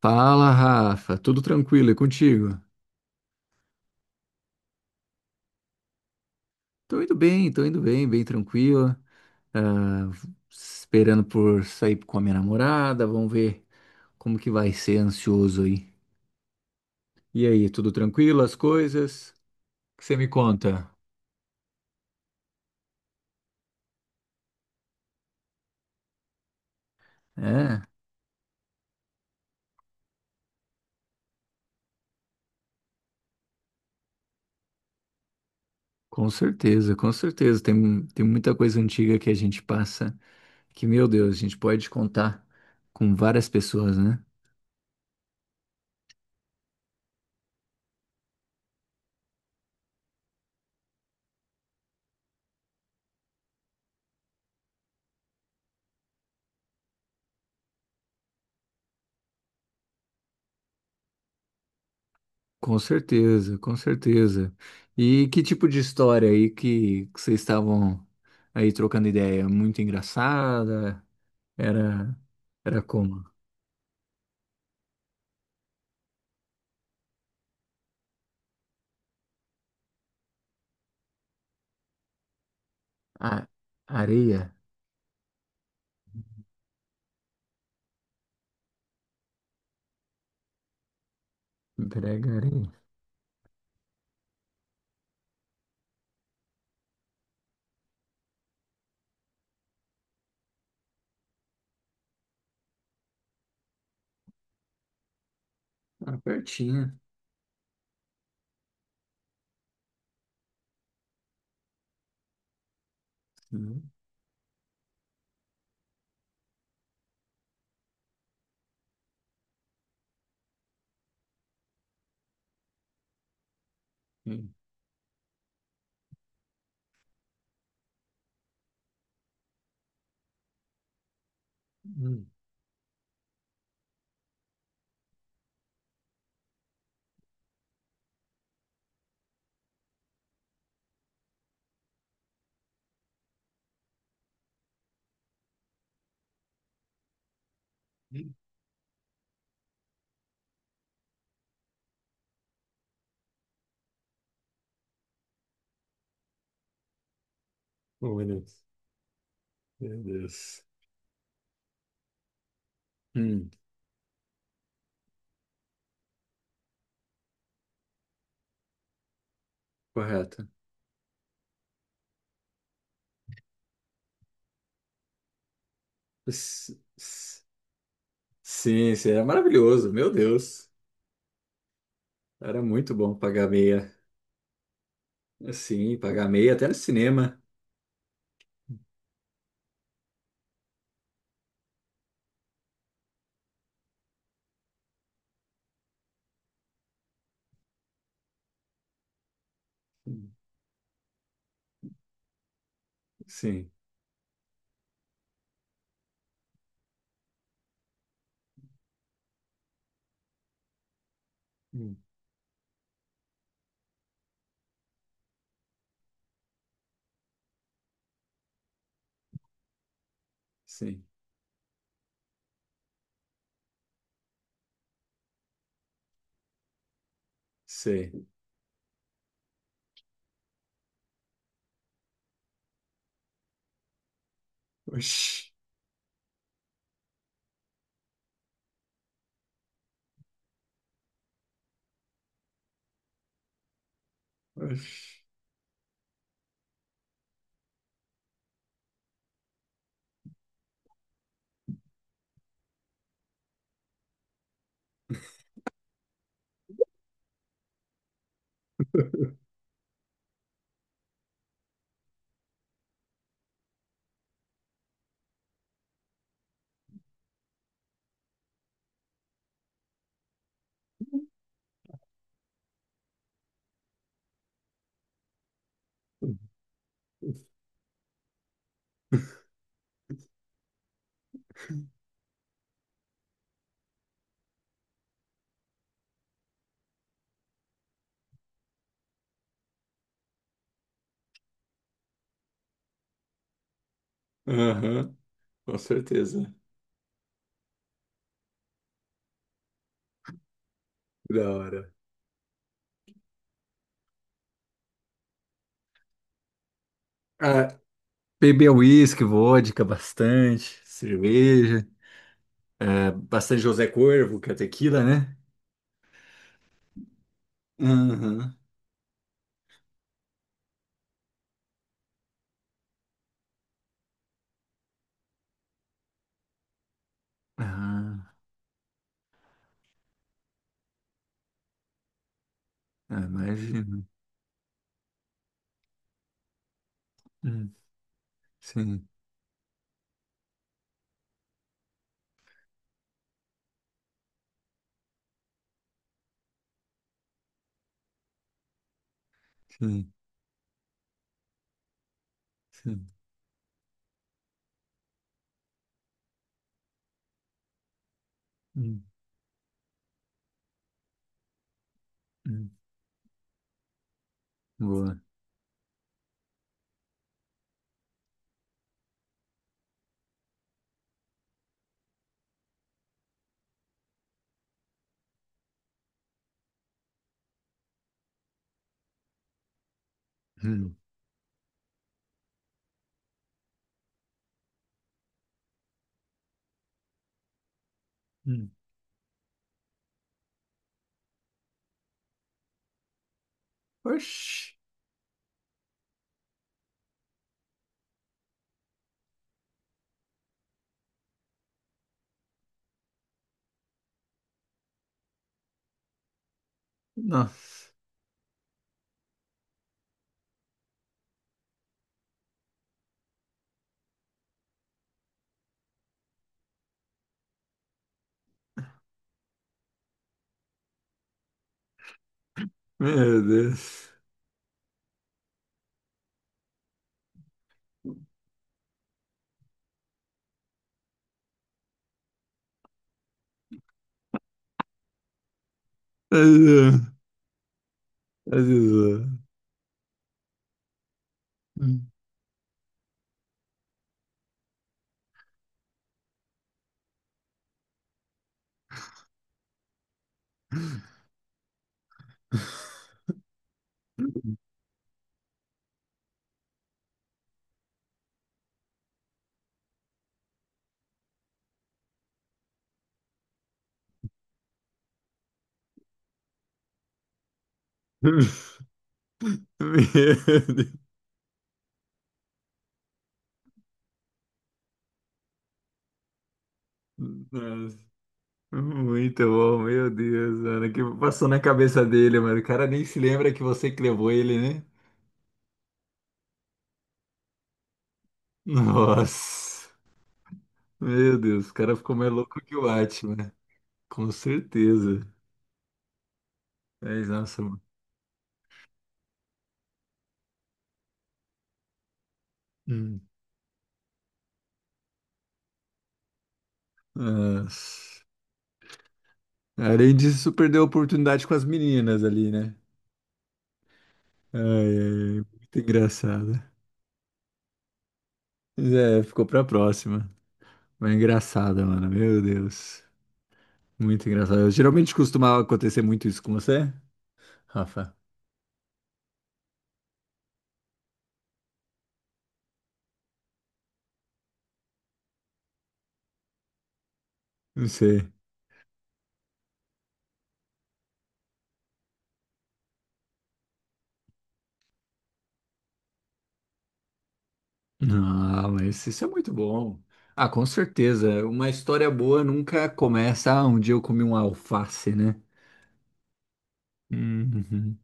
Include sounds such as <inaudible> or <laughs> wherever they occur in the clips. Fala, Rafa, tudo tranquilo e contigo? Tô indo bem, bem tranquilo. Ah, esperando por sair com a minha namorada, vamos ver como que vai ser ansioso aí. E aí, tudo tranquilo, as coisas? O que você me conta? É, com certeza, com certeza. Tem muita coisa antiga que a gente passa que, meu Deus, a gente pode contar com várias pessoas, né? Com certeza, com certeza. E que tipo de história aí que vocês estavam aí trocando ideia? Muito engraçada? Era, era como? A, areia? Brega areia. Ah, pertinho. Hum, hum, hum. Oh, meu Deus. Meu Deus. Hum, correto. S- s- Sim, sim, era maravilhoso, meu Deus. Era muito bom pagar meia. Sim, pagar meia até no cinema. Sim, sim. Sei. Oxi, oxi. Aham, com certeza. Da hora. Ah, beber uísque, vodka, bastante, cerveja, ah, bastante José Corvo, que é tequila, né? Aham. Ah, ah, imagino. Hum, sim, sim, sim. Hum, hum. Boa. Hum, hum. Oxi, nossa. Meu Deus. Meu Deus. Meu Deus. Hum. <laughs> Meu Deus. Nossa. Muito bom, meu Deus, mano. O que passou na cabeça dele, mano? O cara nem se lembra que você que levou ele, né? Nossa, meu Deus, o cara ficou mais louco que o Batman. Com certeza. Mas, nossa, mano. Hum. Nossa. Além disso, perdeu a oportunidade com as meninas ali, né? Ai, ai, ai, muito engraçado. Mas é, ficou pra próxima. Mas engraçada, mano, meu Deus. Muito engraçado. Geralmente costumava acontecer muito isso com você, Rafa? Não sei. Ah, mas isso é muito bom. Ah, com certeza. Uma história boa nunca começa. Ah, um dia eu comi um alface, né? Uhum.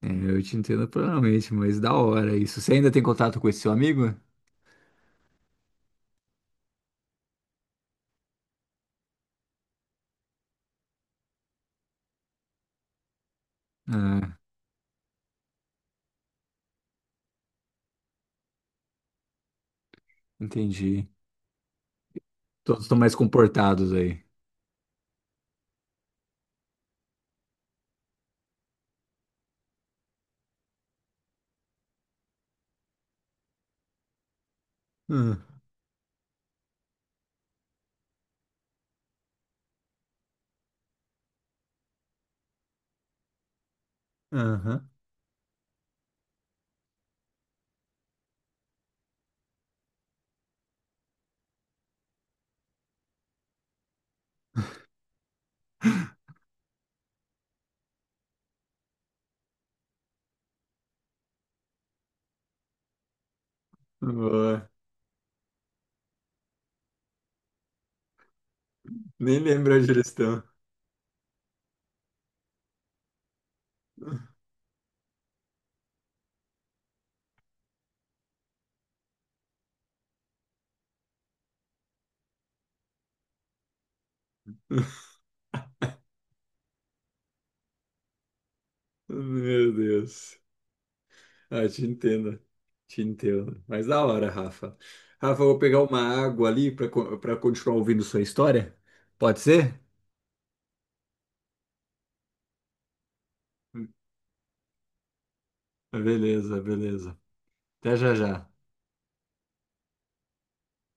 É, eu te entendo plenamente, mas da hora isso. Você ainda tem contato com esse seu amigo? Ah, entendi. Todos estão mais comportados aí. Ah, aham. Boa. Nem lembro onde eles estão. <laughs> Meu Deus. Ah, te entendo, te entendo. Mas da hora, Rafa. Rafa, eu vou pegar uma água ali para para continuar ouvindo sua história. Pode ser? Beleza, beleza. Até já já.